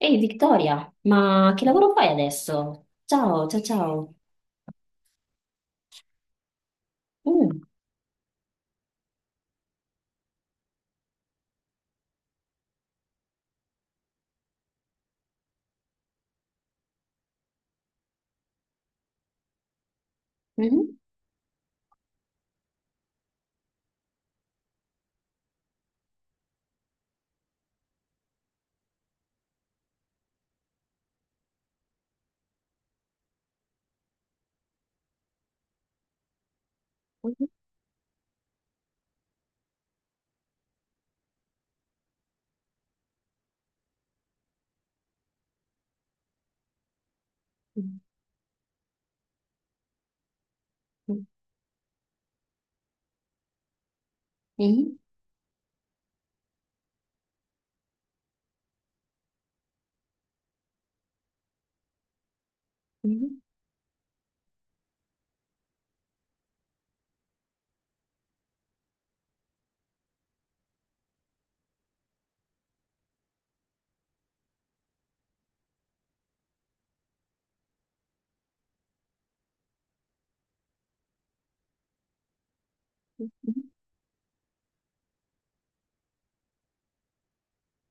Ehi Vittoria, ma che lavoro fai adesso? Ciao, ciao, ciao. Mm. Mhm. Mhm. Mhm.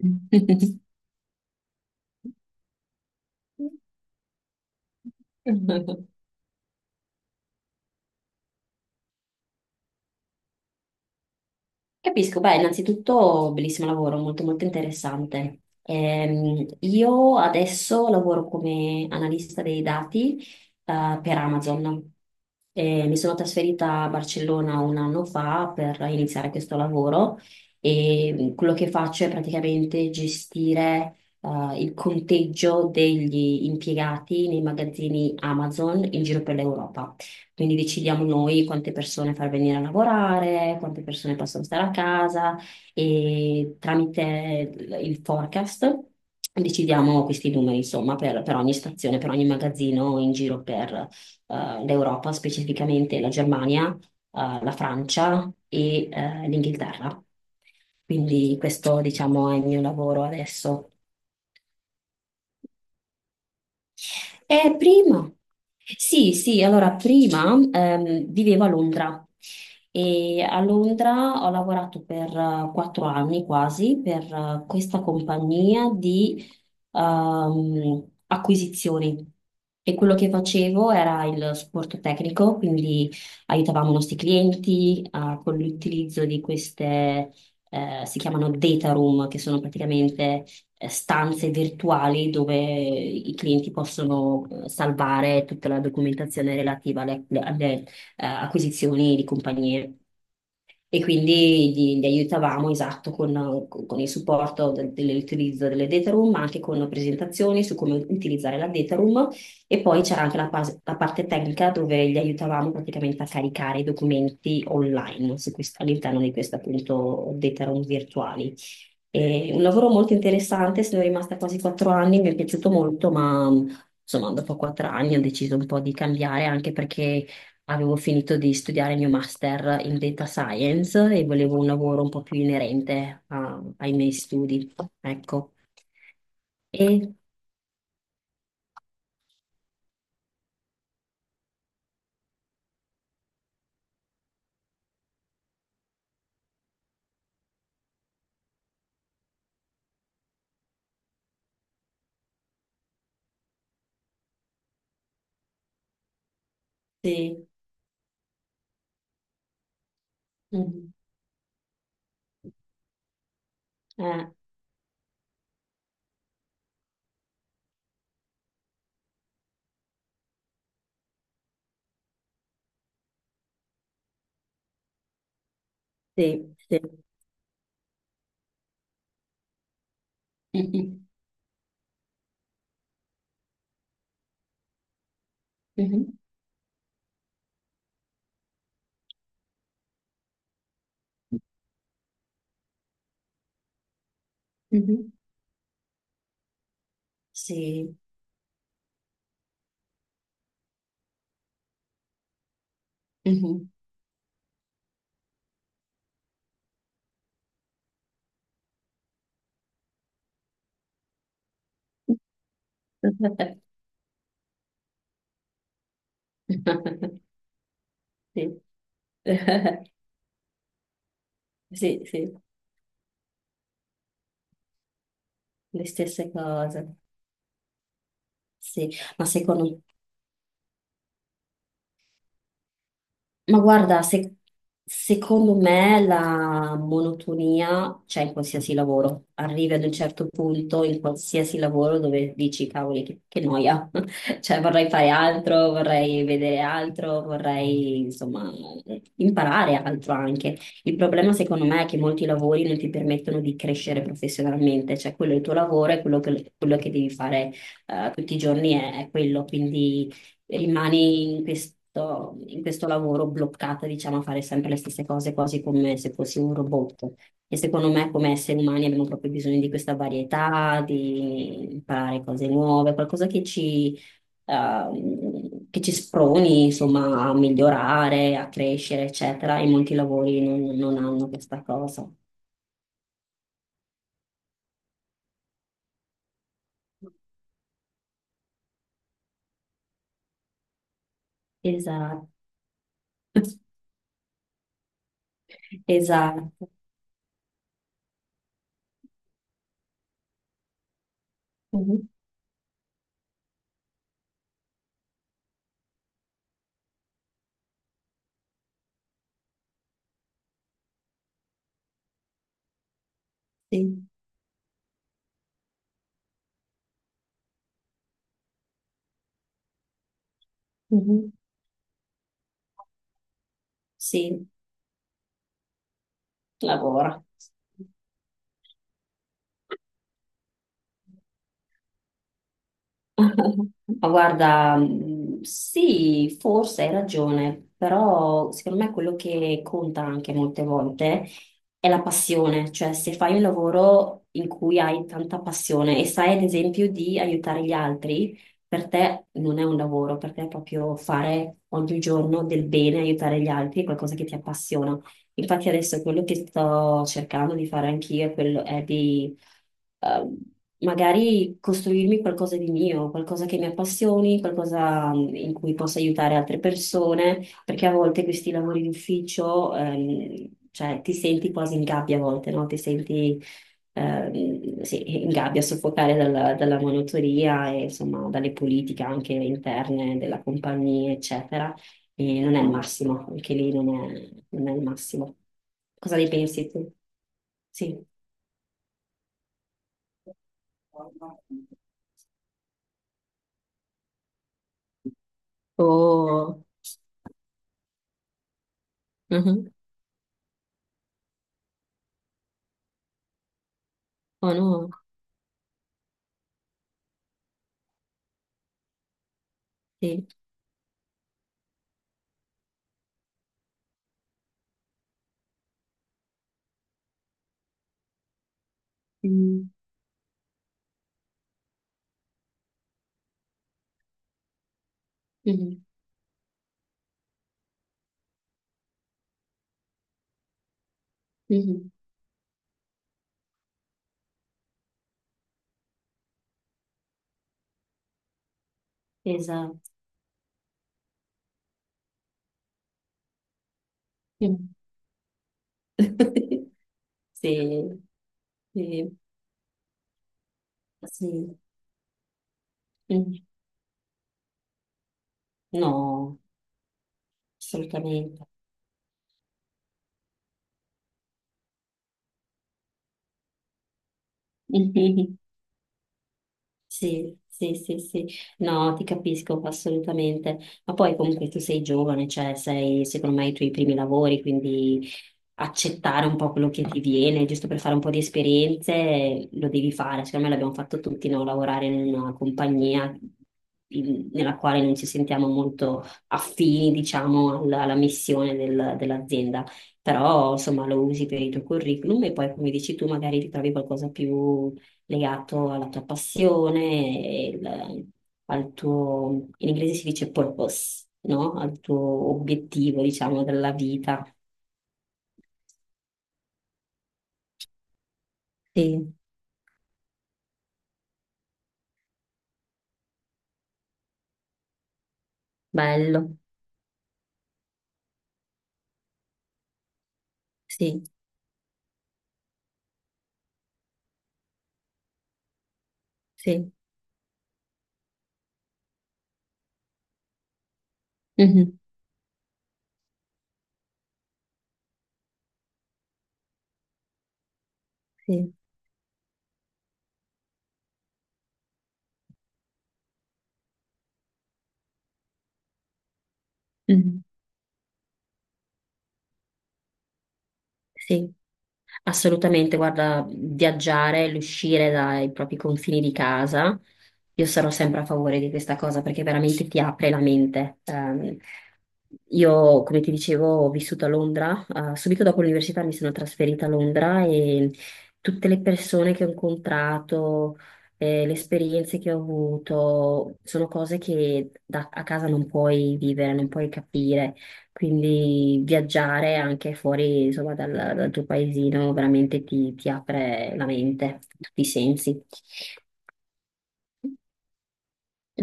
Mhm. Mhm. Capisco, beh, innanzitutto bellissimo lavoro, molto molto interessante. Io adesso lavoro come analista dei dati per Amazon. Mi sono trasferita a Barcellona un anno fa per iniziare questo lavoro, e quello che faccio è praticamente gestire il conteggio degli impiegati nei magazzini Amazon in giro per l'Europa. Quindi decidiamo noi quante persone far venire a lavorare, quante persone possono stare a casa, e tramite il forecast decidiamo questi numeri, insomma, per ogni stazione, per ogni magazzino in giro per l'Europa, specificamente la Germania, la Francia e l'Inghilterra. Quindi questo, diciamo, è il mio lavoro adesso. Prima, sì, sì, allora prima vivevo a Londra, e a Londra ho lavorato per 4 anni quasi per questa compagnia di acquisizioni, e quello che facevo era il supporto tecnico. Quindi aiutavamo i nostri clienti con l'utilizzo di queste, si chiamano data room, che sono praticamente stanze virtuali dove i clienti possono salvare tutta la documentazione relativa alle acquisizioni di compagnie. E quindi gli aiutavamo, esatto, con il supporto dell'utilizzo delle data room, ma anche con presentazioni su come utilizzare la data room. E poi c'era anche la parte tecnica, dove gli aiutavamo praticamente a caricare i documenti online su all'interno di questo appunto data room virtuali. E un lavoro molto interessante, sono rimasta quasi 4 anni, mi è piaciuto molto, ma insomma dopo 4 anni ho deciso un po' di cambiare, anche perché avevo finito di studiare il mio master in data science e volevo un lavoro un po' più inerente ai miei studi, ecco. E sì, mhm, eh, sì, sì. Mhm. Mhm. Mhm. Sì. Mhm. Sì. Sì, sì, le stesse cose. Sì, ma secondo, ma guarda, secondo me la monotonia c'è in qualsiasi lavoro. Arrivi ad un certo punto in qualsiasi lavoro dove dici, cavoli, che noia. Cioè, vorrei fare altro, vorrei vedere altro, vorrei, insomma, imparare altro anche. Il problema, secondo me, è che molti lavori non ti permettono di crescere professionalmente. Cioè, quello è il tuo lavoro, e quello che devi fare, tutti i giorni è quello. Quindi rimani in questo lavoro bloccata, diciamo, a fare sempre le stesse cose, quasi come se fossi un robot. E secondo me, come esseri umani, abbiamo proprio bisogno di questa varietà, di imparare cose nuove, qualcosa che ci sproni, insomma, a migliorare, a crescere, eccetera. E molti lavori non hanno questa cosa. Esatto, esatto. Mhm. Sì. Mhm. Sì, lavora. Ma guarda, sì, forse hai ragione, però secondo me quello che conta anche molte volte è la passione, cioè se fai un lavoro in cui hai tanta passione e sai ad esempio di aiutare gli altri, per te non è un lavoro, per te è proprio fare ogni giorno del bene, aiutare gli altri, è qualcosa che ti appassiona. Infatti adesso quello che sto cercando di fare anch'io è quello è di ehm, magari costruirmi qualcosa di mio, qualcosa che mi appassioni, qualcosa in cui possa aiutare altre persone, perché a volte questi lavori d'ufficio, cioè ti senti quasi in gabbia a volte, no? Ti senti sì, in gabbia, soffocare dalla, monotonia e insomma dalle politiche anche interne della compagnia, eccetera. E non è il massimo, anche lì non è il massimo. Cosa ne pensi tu? Sì. Oh. Mhm. Oh no, sì. Mm. Mhm. Mhm. Esatto. Mm. Sì, sì, sì. Mm. No, assolutamente. Mhm. Sì, sì, sì, sì. No, ti capisco assolutamente. Ma poi comunque tu sei giovane, cioè sei secondo me i tuoi primi lavori, quindi accettare un po' quello che ti viene, giusto per fare un po' di esperienze, lo devi fare. Secondo me l'abbiamo fatto tutti, no? Lavorare in una compagnia nella quale non ci sentiamo molto affini, diciamo, alla missione dell'azienda. Però, insomma, lo usi per il tuo curriculum e poi, come dici tu, magari ti trovi qualcosa più legato alla tua passione, e il- al tuo, in inglese si dice purpose, no? Al tuo obiettivo, diciamo, della vita. Bello, sì, sì, mhm, sì, mhm, sì, assolutamente. Guarda, viaggiare, l'uscire dai propri confini di casa, io sarò sempre a favore di questa cosa perché veramente ti apre la mente. Io, come ti dicevo, ho vissuto a Londra. Subito dopo l'università mi sono trasferita a Londra, e tutte le persone che ho incontrato, le esperienze che ho avuto, sono cose che a casa non puoi vivere, non puoi capire. Quindi viaggiare anche fuori, insomma, dal tuo paesino veramente ti apre la mente, tutti i sensi.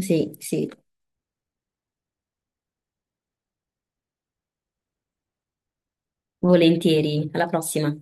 Sì, sì, volentieri. Alla prossima.